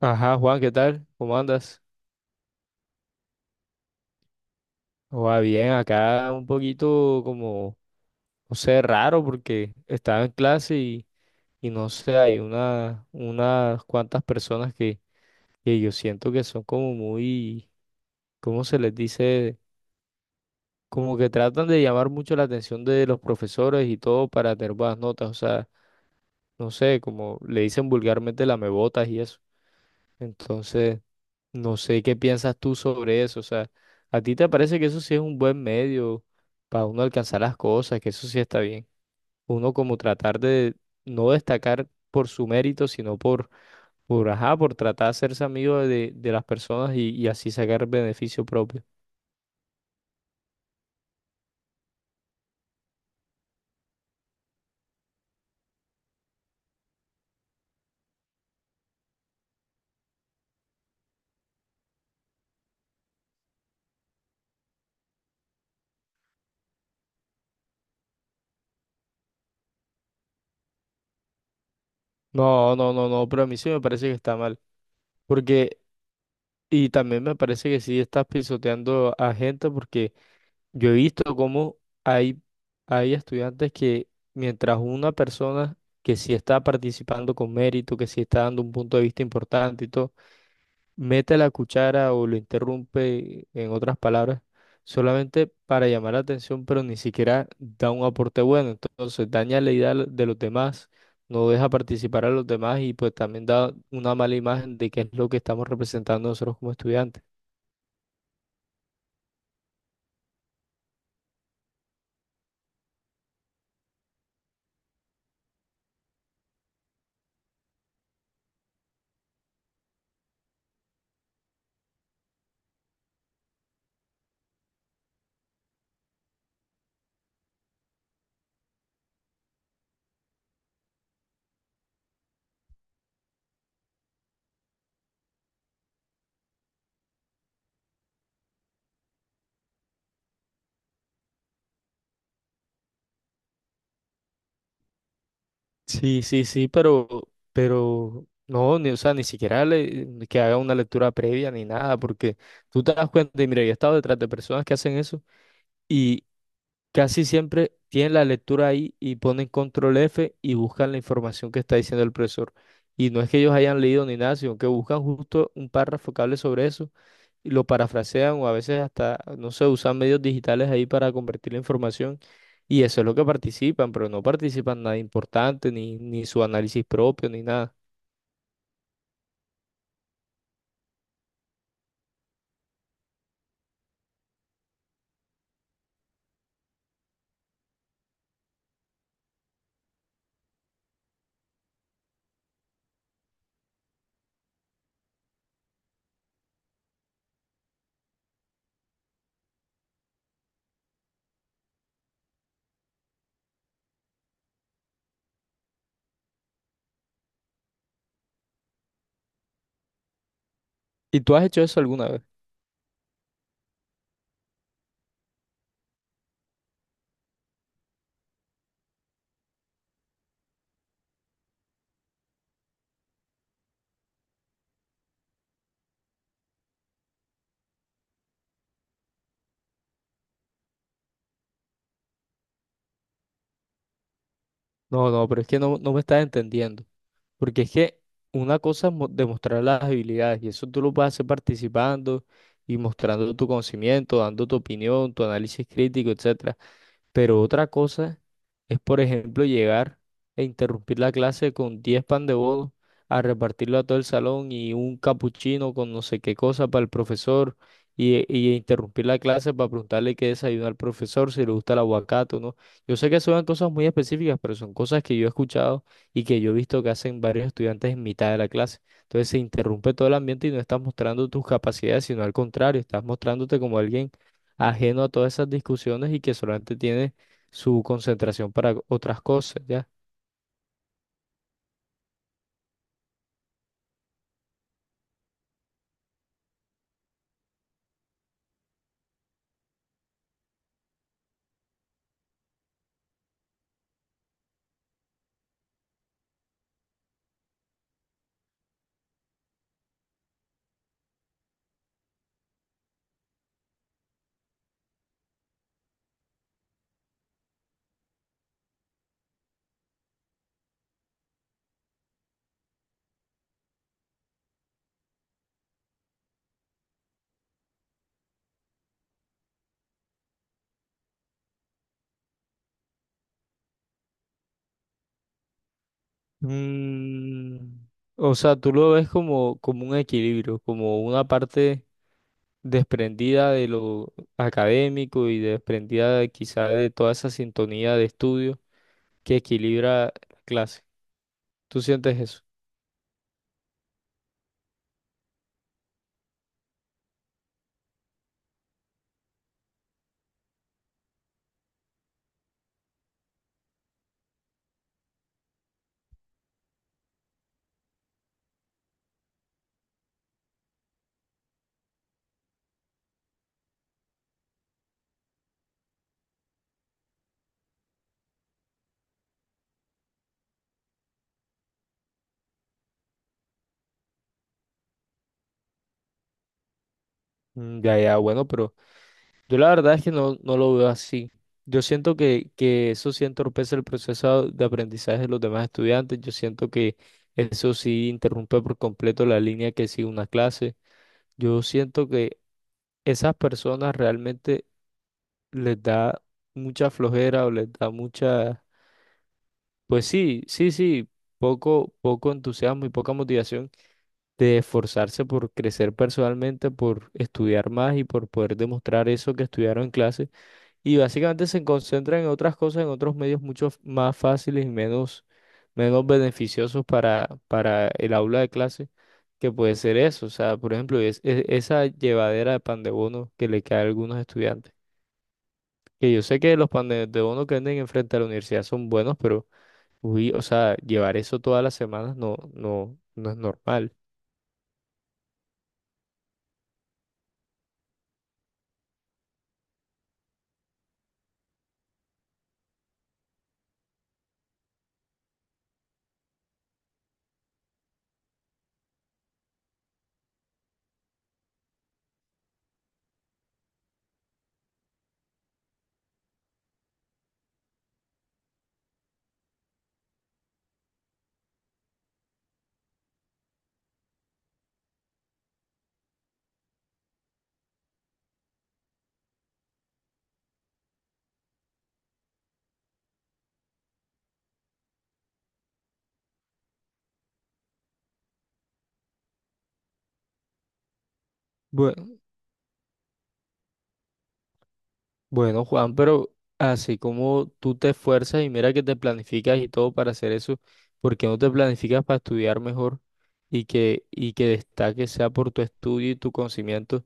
Ajá, Juan, ¿qué tal? ¿Cómo andas? Va bien, acá un poquito como, no sé, raro porque estaba en clase y no sé, hay unas cuantas personas que yo siento que son como muy, ¿cómo se les dice? Como que tratan de llamar mucho la atención de los profesores y todo para tener buenas notas, o sea, no sé, como le dicen vulgarmente lamebotas y eso. Entonces, no sé qué piensas tú sobre eso. O sea, ¿a ti te parece que eso sí es un buen medio para uno alcanzar las cosas, que eso sí está bien? Uno como tratar de no destacar por su mérito, sino ajá, por tratar de hacerse amigo de las personas y así sacar beneficio propio. No, no, no, no, pero a mí sí me parece que está mal. Porque, y también me parece que sí estás pisoteando a gente porque yo he visto cómo hay, hay estudiantes que, mientras una persona que sí está participando con mérito, que sí está dando un punto de vista importante y todo, mete la cuchara o lo interrumpe, en otras palabras, solamente para llamar la atención, pero ni siquiera da un aporte bueno. Entonces daña la idea de los demás, no deja participar a los demás y pues también da una mala imagen de qué es lo que estamos representando nosotros como estudiantes. Sí, sí, sí, pero no, ni, o sea, ni siquiera que haga una lectura previa ni nada, porque tú te das cuenta, y mira, yo he estado detrás de personas que hacen eso y casi siempre tienen la lectura ahí y ponen control F y buscan la información que está diciendo el profesor. Y no es que ellos hayan leído ni nada, sino que buscan justo un párrafo que hable sobre eso y lo parafrasean o a veces hasta, no sé, usan medios digitales ahí para convertir la información y eso es lo que participan, pero no participan nada importante, ni su análisis propio, ni nada. ¿Y tú has hecho eso alguna vez? No, no, pero es que no, no me estás entendiendo. Porque es que una cosa es demostrar las habilidades, y eso tú lo puedes hacer participando y mostrando tu conocimiento, dando tu opinión, tu análisis crítico, etc. Pero otra cosa es, por ejemplo, llegar e interrumpir la clase con 10 pan de bono a repartirlo a todo el salón y un capuchino con no sé qué cosa para el profesor y interrumpir la clase para preguntarle qué desayuno al profesor, si le gusta el aguacate o no. Yo sé que son cosas muy específicas, pero son cosas que yo he escuchado y que yo he visto que hacen varios estudiantes en mitad de la clase. Entonces se interrumpe todo el ambiente y no estás mostrando tus capacidades, sino al contrario, estás mostrándote como alguien ajeno a todas esas discusiones y que solamente tiene su concentración para otras cosas, ¿ya? Mm, o sea, tú lo ves como, como un equilibrio, como una parte desprendida de lo académico y desprendida quizá de toda esa sintonía de estudio que equilibra la clase. ¿Tú sientes eso? Mm, ya, ya, bueno, pero... Yo la verdad es que no, no lo veo así. Yo siento que eso sí entorpece el proceso de aprendizaje de los demás estudiantes. Yo siento que eso sí interrumpe por completo la línea que sigue una clase. Yo siento que esas personas realmente les da mucha flojera o les da mucha, pues sí, sí, sí, poco entusiasmo y poca motivación de esforzarse por crecer personalmente, por estudiar más y por poder demostrar eso que estudiaron en clase. Y básicamente se concentran en otras cosas, en otros medios mucho más fáciles y menos beneficiosos para el aula de clase, que puede ser eso. O sea, por ejemplo, es, esa llevadera de pan de bono que le cae a algunos estudiantes. Que yo sé que los pan de bono que venden enfrente a la universidad son buenos, pero, uy, o sea, llevar eso todas las semanas no, no, no es normal. Bueno. Bueno, Juan, pero así como tú te esfuerzas y mira que te planificas y todo para hacer eso, ¿por qué no te planificas para estudiar mejor y que destaques sea por tu estudio y tu conocimiento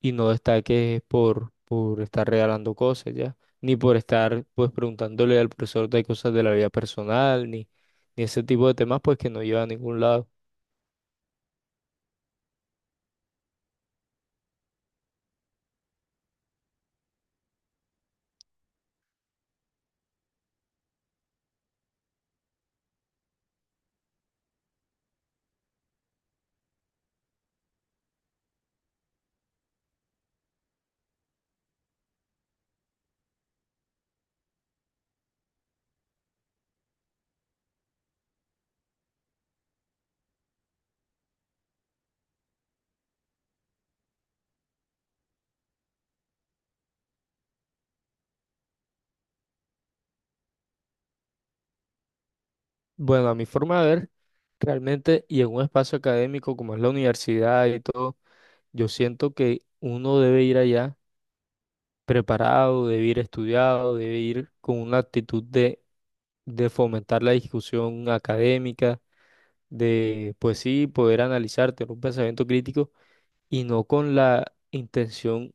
y no destaques por estar regalando cosas ya? Ni por estar pues preguntándole al profesor de cosas de la vida personal, ni ese tipo de temas pues que no lleva a ningún lado. Bueno, a mi forma de ver, realmente y en un espacio académico como es la universidad y todo. Yo siento que uno debe ir allá preparado, debe ir estudiado, debe ir con una actitud de fomentar la discusión académica, de, pues sí, poder analizar, tener un pensamiento crítico y no con la intención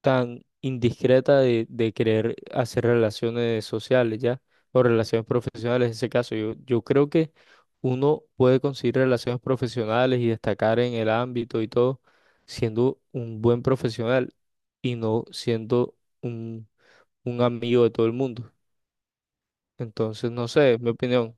tan indiscreta de querer hacer relaciones sociales, ¿ya? O relaciones profesionales en ese caso. Yo creo que uno puede conseguir relaciones profesionales y destacar en el ámbito y todo siendo un buen profesional y no siendo un, un amigo de todo el mundo. Entonces, no sé, es mi opinión.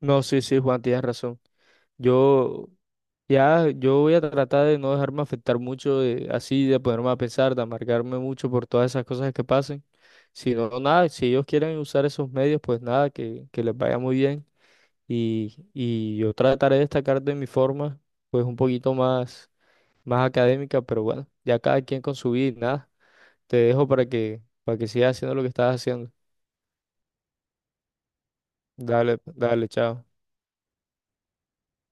No, sí, sí, Juan, tienes razón. Yo ya, yo voy a tratar de no dejarme afectar mucho, así, de ponerme a pensar, de amargarme mucho por todas esas cosas que pasen. Si no, nada, si ellos quieren usar esos medios, pues nada, que les vaya muy bien. Y yo trataré de destacar de mi forma, pues un poquito más académica, pero bueno, ya cada quien con su vida y nada. Te dejo para que sigas haciendo lo que estás haciendo. Dale, dale, chao.